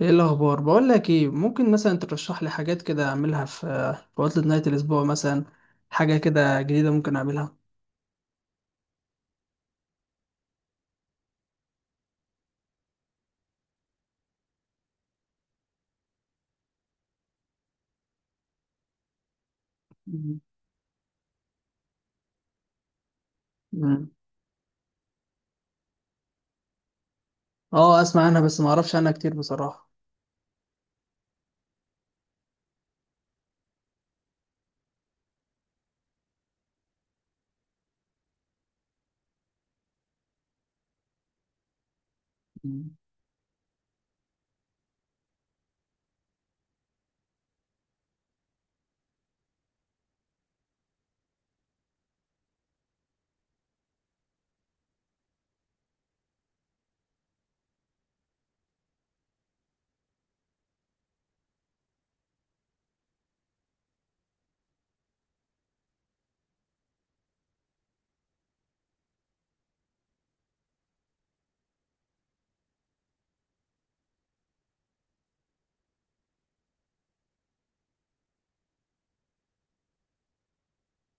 ايه الاخبار؟ بقول لك ايه، ممكن مثلا ترشح لي حاجات كده اعملها في عطلة نهاية الاسبوع مثلا. حاجة كده جديدة ممكن اعملها. مم. مم. اه، اسمع عنها بس ما اعرفش عنها كتير بصراحة. مم.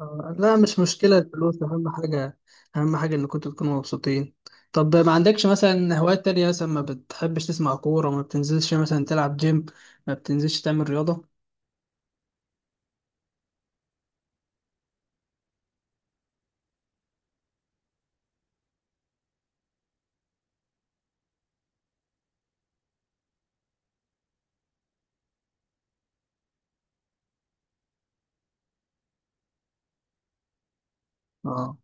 لا، مش مشكلة، الفلوس أهم حاجة، أهم حاجة إن كنتوا تكونوا مبسوطين. طب ما عندكش مثلا هوايات تانية؟ مثلا ما بتحبش تسمع كورة؟ ما بتنزلش مثلا تلعب جيم؟ ما بتنزلش تعمل رياضة؟ اه.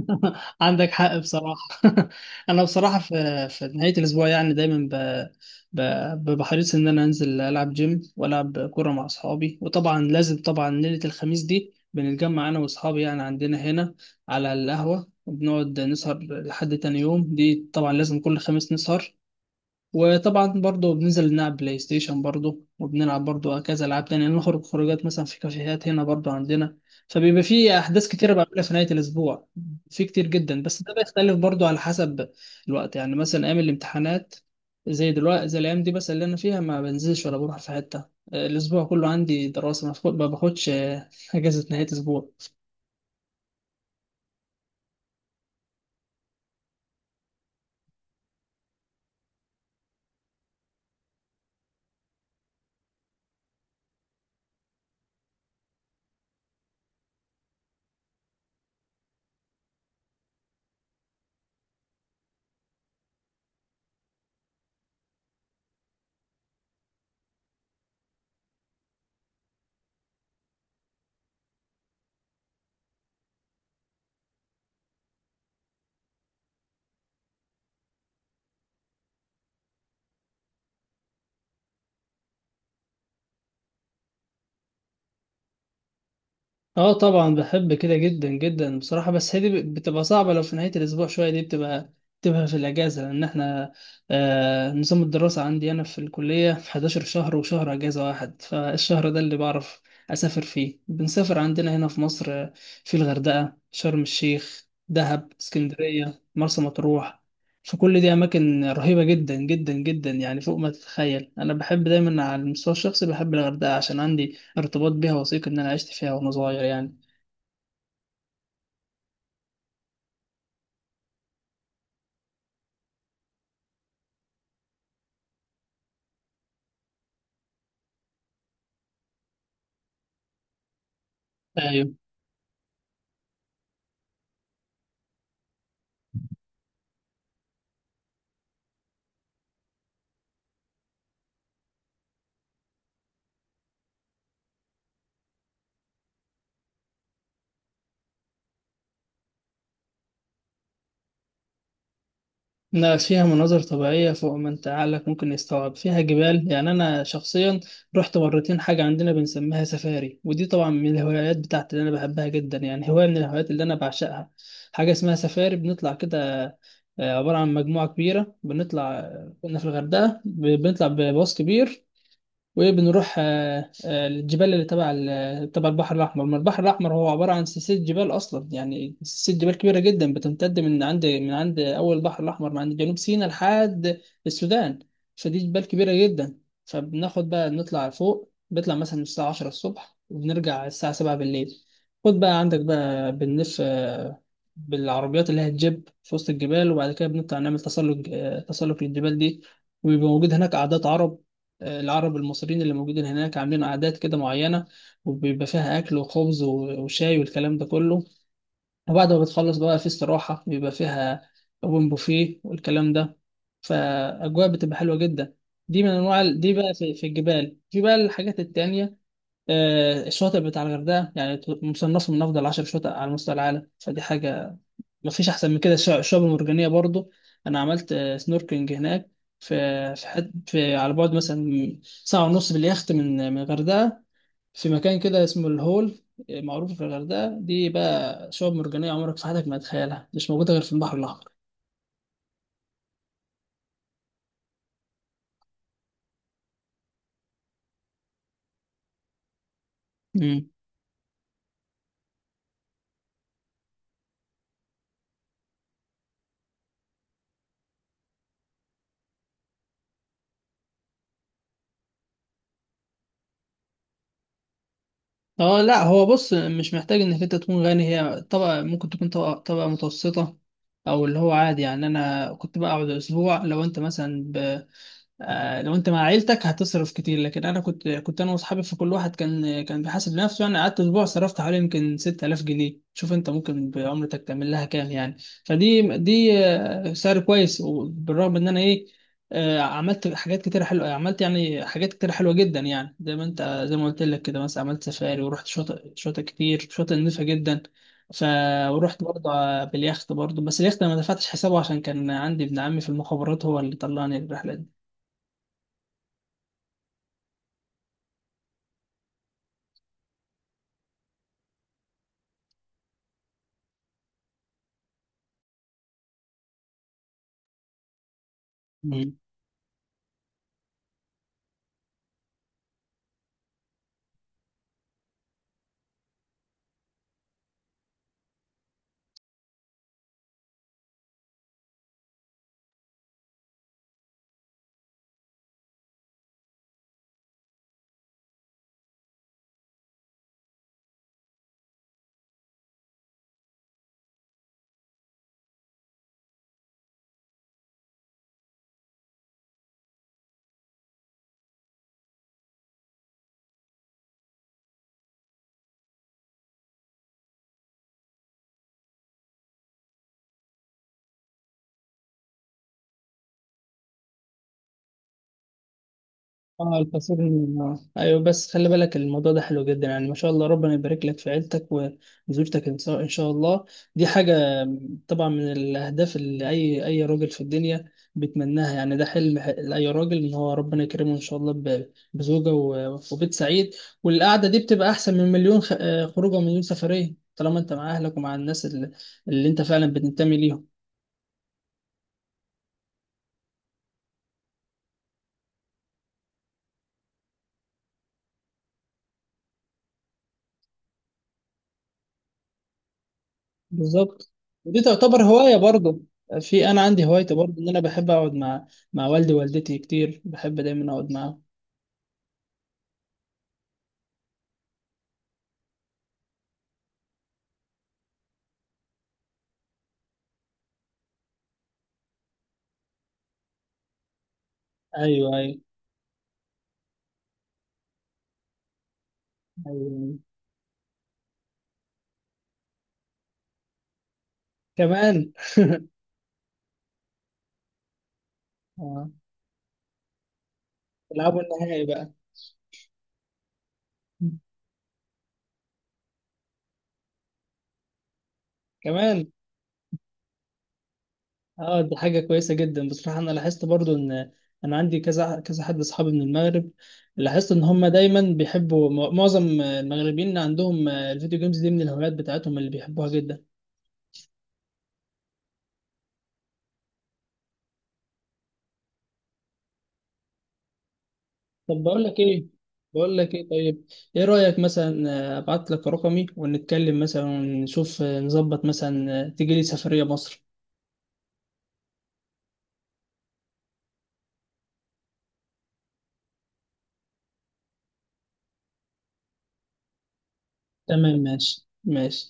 عندك حق بصراحة. أنا بصراحة في نهاية الأسبوع يعني دايما ب... بحريص إن أنا أنزل ألعب جيم وألعب كورة مع أصحابي، وطبعا لازم، طبعا ليلة الخميس دي بنتجمع أنا وأصحابي يعني عندنا هنا على القهوة وبنقعد نسهر لحد تاني يوم، دي طبعا لازم كل خميس نسهر. وطبعا برضه بننزل نلعب بلاي ستيشن برضه، وبنلعب برضه كذا العاب تانية، نخرج خروجات مثلا في كافيهات هنا برضه عندنا. فبيبقى في احداث كتيره بعملها في نهايه الاسبوع، في كتير جدا، بس ده بيختلف برضه على حسب الوقت. يعني مثلا ايام الامتحانات زي دلوقتي، زي الايام دي بس اللي انا فيها، ما بنزلش ولا بروح في حته. الاسبوع كله عندي دراسه، ما باخدش اجازه نهايه اسبوع. اه طبعا بحب كده جدا جدا بصراحة، بس هي دي بتبقى صعبة. لو في نهاية الأسبوع شوية دي بتبقى في الأجازة. لأن احنا، آه، نظام الدراسة عندي أنا في الكلية في 11 شهر وشهر أجازة واحد، فالشهر ده اللي بعرف أسافر فيه. بنسافر عندنا هنا في مصر، في الغردقة، شرم الشيخ، دهب، اسكندرية، مرسى مطروح. فكل دي أماكن رهيبة جدا جدا جدا، يعني فوق ما تتخيل. أنا بحب دايما على المستوى الشخصي بحب الغردقة عشان عندي ارتباط بيها وثيق، إن أنا عشت فيها وأنا صغير يعني. أيوة. لا، فيها مناظر طبيعية فوق ما أنت عقلك ممكن يستوعب، فيها جبال. يعني أنا شخصيا رحت مرتين حاجة عندنا بنسميها سفاري، ودي طبعا من الهوايات بتاعتي اللي أنا بحبها جدا، يعني هواية من الهوايات اللي أنا بعشقها. حاجة اسمها سفاري، بنطلع كده، عبارة عن مجموعة كبيرة بنطلع. كنا في الغردقة، بنطلع بباص كبير وبنروح، الجبال اللي تبع البحر الأحمر. ما البحر الأحمر هو عبارة عن سلسلة جبال أصلا، يعني سلسلة جبال كبيرة جدا بتمتد من عند أول البحر الأحمر، من عند جنوب سيناء لحد السودان. فدي جبال كبيرة جدا. فبناخد بقى نطلع فوق، بنطلع مثلا الساعة 10 الصبح وبنرجع الساعة 7 بالليل. خد بقى عندك بقى، بنلف بالعربيات اللي هي الجيب في وسط الجبال، وبعد كده بنطلع نعمل تسلق، تسلق للجبال دي. وبيبقى موجود هناك عادات عرب، العرب المصريين اللي موجودين هناك عاملين عادات كده معينة، وبيبقى فيها أكل وخبز وشاي والكلام ده كله. وبعد ما بتخلص بقى في استراحة بيبقى فيها أوبن بوفيه والكلام ده، فأجواء بتبقى حلوة جدا. دي من أنواع دي بقى في الجبال. في بقى الحاجات التانية، الشواطئ بتاع الغردقة يعني مصنفة من أفضل عشر شواطئ على مستوى العالم، فدي حاجة مفيش احسن من كده. الشعب المرجانيه برضو، انا عملت سنوركلينج هناك في حد في على بعد مثلا ساعه ونص باليخت من الغردقه، في مكان كده اسمه الهول. معروف في الغردقه دي بقى شعب مرجانيه عمرك في حياتك ما تتخيلها، مش موجوده غير في البحر الاحمر. امم. اه لا، هو بص، مش محتاج انك انت تكون غني. هي طبقه ممكن تكون طبقه متوسطه او اللي هو عادي يعني. انا كنت بقعد اسبوع. لو انت مثلا، لو انت مع عيلتك هتصرف كتير، لكن انا كنت انا واصحابي، فكل واحد كان بيحاسب نفسه يعني. قعدت اسبوع صرفت حوالي يمكن 6000 جنيه، شوف انت ممكن بعمرتك تعمل لها كام يعني. فدي سعر كويس، وبالرغم ان انا ايه، عملت حاجات كتير حلوه، عملت يعني حاجات كتير حلوه جدا يعني. زي ما انت، زي ما قلت لك كده، مثلا عملت سفاري ورحت شاطئ كتير، شاطئ نظيفه جدا. ف، ورحت برضه باليخت برضه، بس اليخت أنا ما دفعتش حسابه عشان كان عندي ابن عمي في المخابرات هو اللي طلعني الرحله دي. مم. اه الفصيل. آه. ايوه بس خلي بالك، الموضوع ده حلو جدا، يعني ما شاء الله ربنا يبارك لك في عيلتك وزوجتك ان شاء إن شاء الله. دي حاجه طبعا من الاهداف اللي اي راجل في الدنيا بيتمناها، يعني ده حلم لاي راجل ان هو ربنا يكرمه ان شاء الله بزوجه وبيت سعيد. والقعده دي بتبقى احسن من مليون خروجه ومليون سفريه طالما انت مع اهلك ومع الناس اللي انت فعلا بتنتمي ليهم. بالظبط. ودي تعتبر هواية برضه. في أنا عندي هوايتي برضه، إن أنا بحب أقعد مع، مع والدي ووالدتي كتير، بحب دايما أقعد معاهم. أيوه، أيوه. أيوه. كمان. آه. يلعبوا النهائي بقى. كمان. اه دي حاجة كويسة جدا بصراحة. أنا لاحظت برضو إن أنا عندي كذا حد أصحابي من المغرب، لاحظت إن هم دايما بيحبوا، معظم المغربيين عندهم الفيديو جيمز دي من الهوايات بتاعتهم اللي بيحبوها جدا. طب بقول لك ايه، طيب، ايه رأيك مثلا، ابعت لك رقمي ونتكلم مثلا ونشوف نظبط مثلا تيجي لي سفرية مصر. تمام، ماشي ماشي.